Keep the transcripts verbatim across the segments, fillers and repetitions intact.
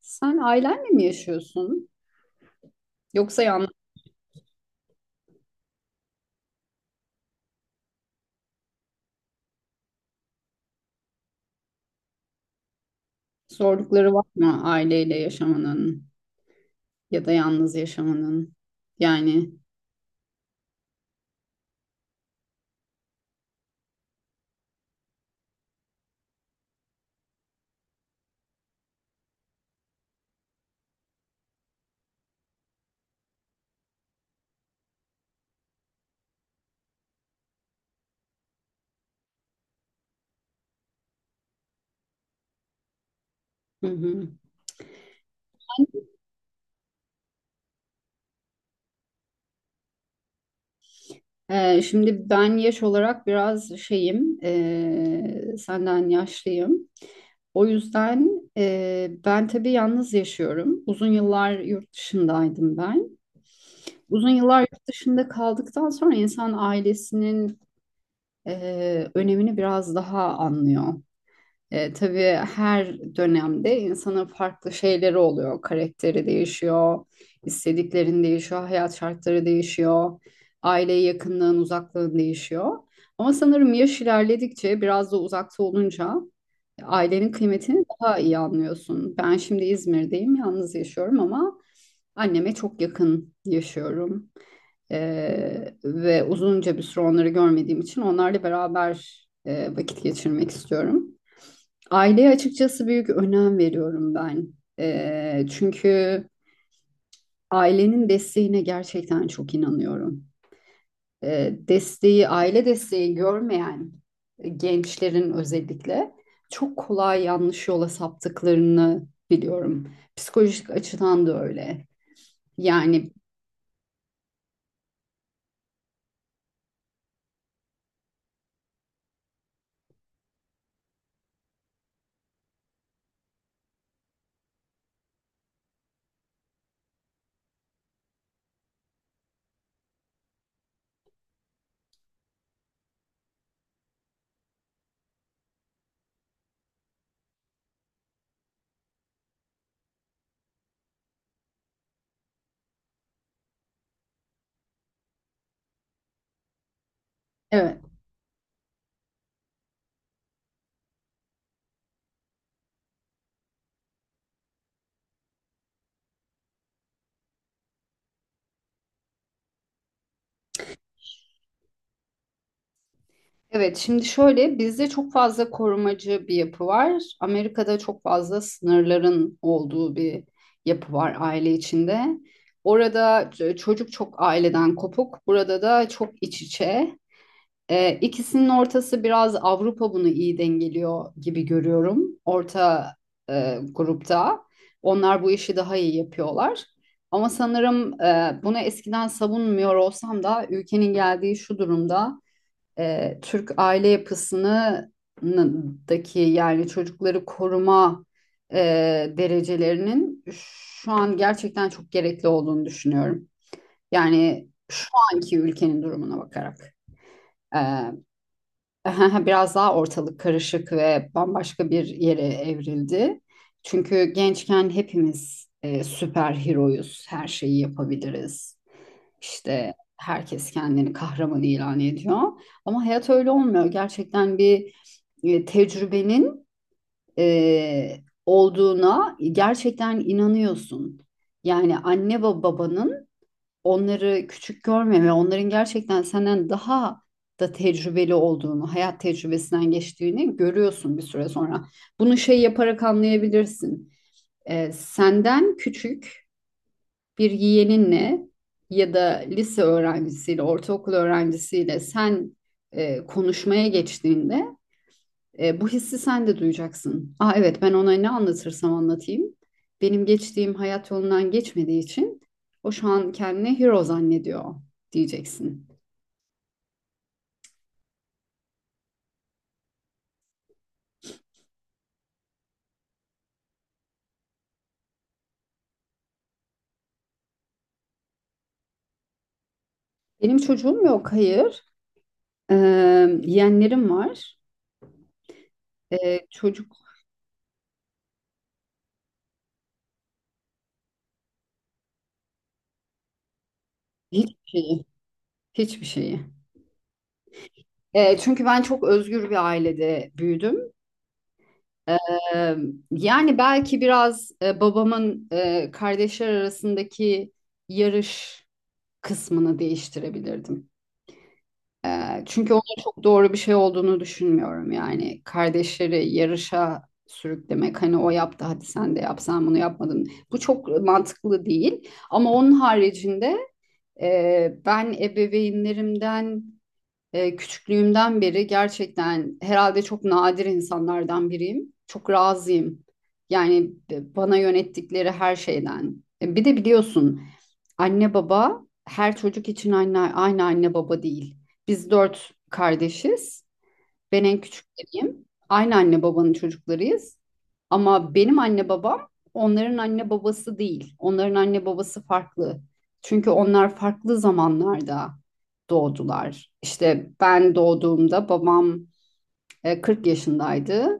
Sen ailenle mi yaşıyorsun? Yoksa yalnız zorlukları var mı aileyle yaşamanın ya da yalnız yaşamanın? Yani hı hı. Ee, şimdi ben yaş olarak biraz şeyim, ee, senden yaşlıyım. O yüzden ee, ben tabii yalnız yaşıyorum. Uzun yıllar yurt dışındaydım ben. Uzun yıllar yurt dışında kaldıktan sonra insan ailesinin ee, önemini biraz daha anlıyor. E, tabii her dönemde insanın farklı şeyleri oluyor. Karakteri değişiyor, istediklerin değişiyor, hayat şartları değişiyor, aile yakınlığın, uzaklığın değişiyor. Ama sanırım yaş ilerledikçe biraz da uzakta olunca ailenin kıymetini daha iyi anlıyorsun. Ben şimdi İzmir'deyim, yalnız yaşıyorum ama anneme çok yakın yaşıyorum. E, ve uzunca bir süre onları görmediğim için onlarla beraber e, vakit geçirmek istiyorum. Aileye açıkçası büyük önem veriyorum ben. Ee, çünkü ailenin desteğine gerçekten çok inanıyorum. Ee, desteği, aile desteği görmeyen gençlerin özellikle çok kolay yanlış yola saptıklarını biliyorum. Psikolojik açıdan da öyle. Yani evet. Evet, şimdi şöyle bizde çok fazla korumacı bir yapı var. Amerika'da çok fazla sınırların olduğu bir yapı var aile içinde. Orada ç- çocuk çok aileden kopuk, burada da çok iç içe. Ee, ikisinin ortası biraz Avrupa bunu iyi dengeliyor gibi görüyorum. Orta e, grupta onlar bu işi daha iyi yapıyorlar. Ama sanırım e, bunu eskiden savunmuyor olsam da ülkenin geldiği şu durumda e, Türk aile yapısındaki yani çocukları koruma e, derecelerinin şu an gerçekten çok gerekli olduğunu düşünüyorum. Yani şu anki ülkenin durumuna bakarak. E, biraz daha ortalık karışık ve bambaşka bir yere evrildi. Çünkü gençken hepimiz e, süper heroyuz, her şeyi yapabiliriz. İşte herkes kendini kahraman ilan ediyor. Ama hayat öyle olmuyor. Gerçekten bir e, tecrübenin e, olduğuna gerçekten inanıyorsun. Yani anne ve babanın onları küçük görmeme, onların gerçekten senden daha da tecrübeli olduğunu, hayat tecrübesinden geçtiğini görüyorsun bir süre sonra. Bunu şey yaparak anlayabilirsin. E, senden küçük bir yeğeninle ya da lise öğrencisiyle, ortaokul öğrencisiyle sen e, konuşmaya geçtiğinde e, bu hissi sen de duyacaksın. Aa evet ben ona ne anlatırsam anlatayım. Benim geçtiğim hayat yolundan geçmediği için o şu an kendini hero zannediyor diyeceksin. Benim çocuğum yok, hayır. Ee, Yeğenlerim var. Ee, çocuk hiçbir şeyi, hiçbir şeyi. Ee, çünkü ben çok özgür bir ailede büyüdüm. Eee, Yani belki biraz e, babamın e, kardeşler arasındaki yarış kısmını değiştirebilirdim. E, çünkü onun çok doğru bir şey olduğunu düşünmüyorum. Yani kardeşleri yarışa sürüklemek hani o yaptı hadi sen de yap sen bunu yapmadın. Bu çok mantıklı değil. Ama onun haricinde e, ben ebeveynlerimden e, küçüklüğümden beri gerçekten herhalde çok nadir insanlardan biriyim. Çok razıyım. Yani b- bana yönettikleri her şeyden. E, bir de biliyorsun anne baba her çocuk için anne, aynı anne baba değil. Biz dört kardeşiz. Ben en küçükleriyim. Aynı anne babanın çocuklarıyız. Ama benim anne babam onların anne babası değil. Onların anne babası farklı. Çünkü onlar farklı zamanlarda doğdular. İşte ben doğduğumda babam e, kırk yaşındaydı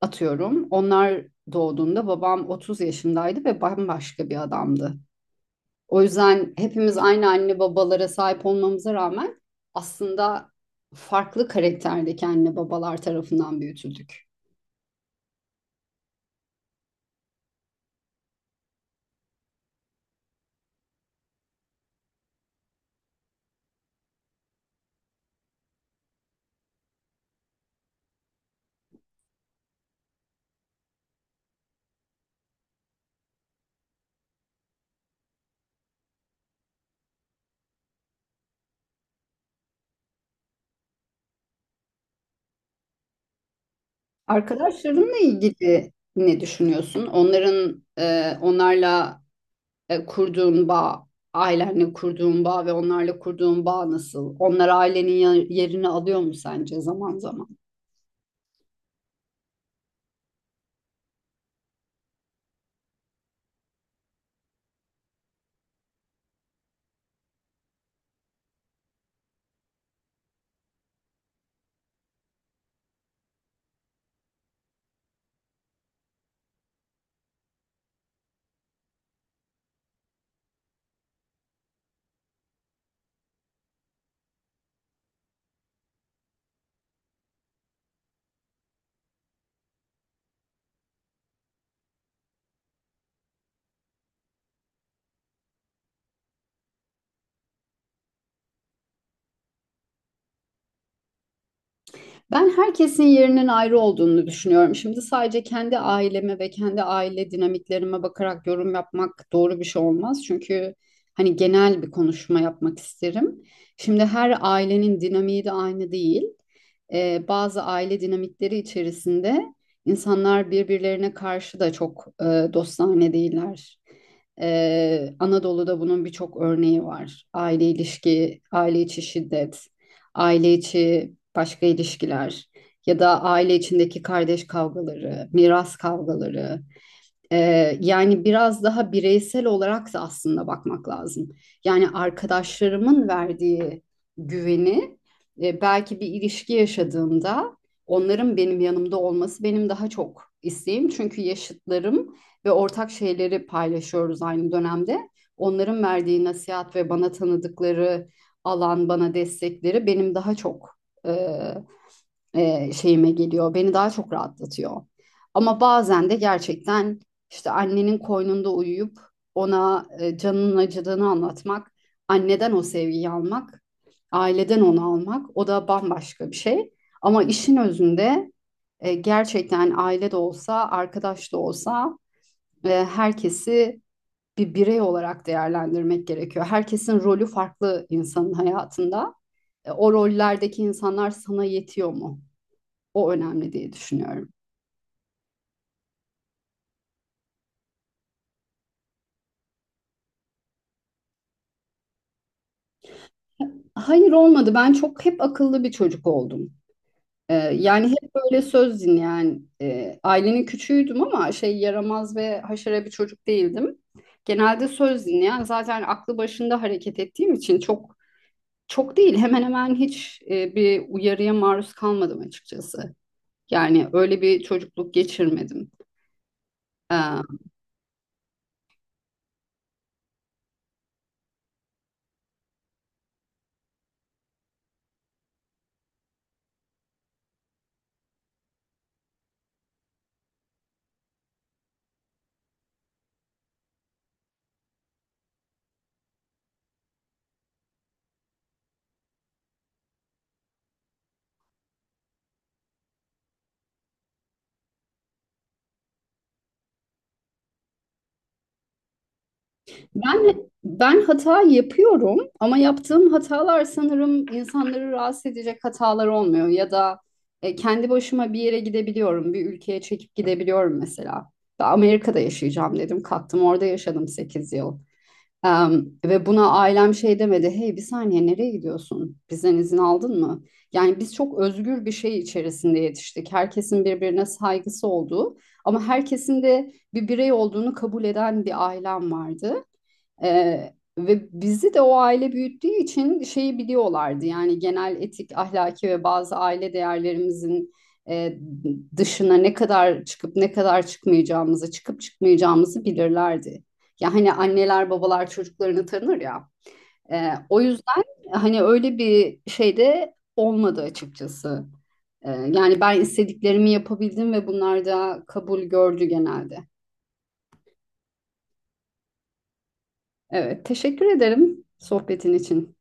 atıyorum. Onlar doğduğunda babam otuz yaşındaydı ve bambaşka bir adamdı. O yüzden hepimiz aynı anne babalara sahip olmamıza rağmen aslında farklı karakterdeki anne babalar tarafından büyütüldük. Arkadaşlarınla ilgili ne düşünüyorsun? Onların e, onlarla e, kurduğun bağ, ailenle kurduğun bağ ve onlarla kurduğun bağ nasıl? Onlar ailenin ya- yerini alıyor mu sence zaman zaman? Ben herkesin yerinin ayrı olduğunu düşünüyorum. Şimdi sadece kendi aileme ve kendi aile dinamiklerime bakarak yorum yapmak doğru bir şey olmaz. Çünkü hani genel bir konuşma yapmak isterim. Şimdi her ailenin dinamiği de aynı değil. Ee, bazı aile dinamikleri içerisinde insanlar birbirlerine karşı da çok e, dostane değiller. Ee, Anadolu'da bunun birçok örneği var. Aile ilişki, aile içi şiddet aile içi başka ilişkiler ya da aile içindeki kardeş kavgaları, miras kavgaları ee, yani biraz daha bireysel olarak da aslında bakmak lazım. Yani arkadaşlarımın verdiği güveni e, belki bir ilişki yaşadığımda onların benim yanımda olması benim daha çok isteğim. Çünkü yaşıtlarım ve ortak şeyleri paylaşıyoruz aynı dönemde. Onların verdiği nasihat ve bana tanıdıkları alan, bana destekleri benim daha çok e, e, şeyime geliyor. Beni daha çok rahatlatıyor. Ama bazen de gerçekten işte annenin koynunda uyuyup ona e, canının acıdığını anlatmak, anneden o sevgiyi almak, aileden onu almak o da bambaşka bir şey. Ama işin özünde e, gerçekten aile de olsa, arkadaş da olsa e, herkesi bir birey olarak değerlendirmek gerekiyor. Herkesin rolü farklı insanın hayatında. E, o rollerdeki insanlar sana yetiyor mu? O önemli diye düşünüyorum. Hayır olmadı. Ben çok hep akıllı bir çocuk oldum. Ee, yani hep böyle söz dinleyen e, ailenin küçüğüydüm ama şey yaramaz ve haşere bir çocuk değildim. Genelde söz dinleyen zaten aklı başında hareket ettiğim için çok çok değil hemen hemen hiç e, bir uyarıya maruz kalmadım açıkçası. Yani öyle bir çocukluk geçirmedim. Ee, Ben ben hata yapıyorum ama yaptığım hatalar sanırım insanları rahatsız edecek hatalar olmuyor ya da e, kendi başıma bir yere gidebiliyorum, bir ülkeye çekip gidebiliyorum mesela. Ben Amerika'da yaşayacağım dedim, kalktım orada yaşadım sekiz yıl. Em, ve buna ailem şey demedi, hey bir saniye nereye gidiyorsun? Bizden izin aldın mı? Yani biz çok özgür bir şey içerisinde yetiştik. Herkesin birbirine saygısı olduğu ama herkesin de bir birey olduğunu kabul eden bir ailem vardı. Ee, ve bizi de o aile büyüttüğü için şeyi biliyorlardı. Yani genel etik, ahlaki ve bazı aile değerlerimizin e, dışına ne kadar çıkıp ne kadar çıkmayacağımızı, çıkıp çıkmayacağımızı bilirlerdi. Ya hani anneler babalar çocuklarını tanır ya. Ee, o yüzden hani öyle bir şey de olmadı açıkçası. Ee, yani ben istediklerimi yapabildim ve bunlar da kabul gördü genelde. Evet, teşekkür ederim sohbetin için.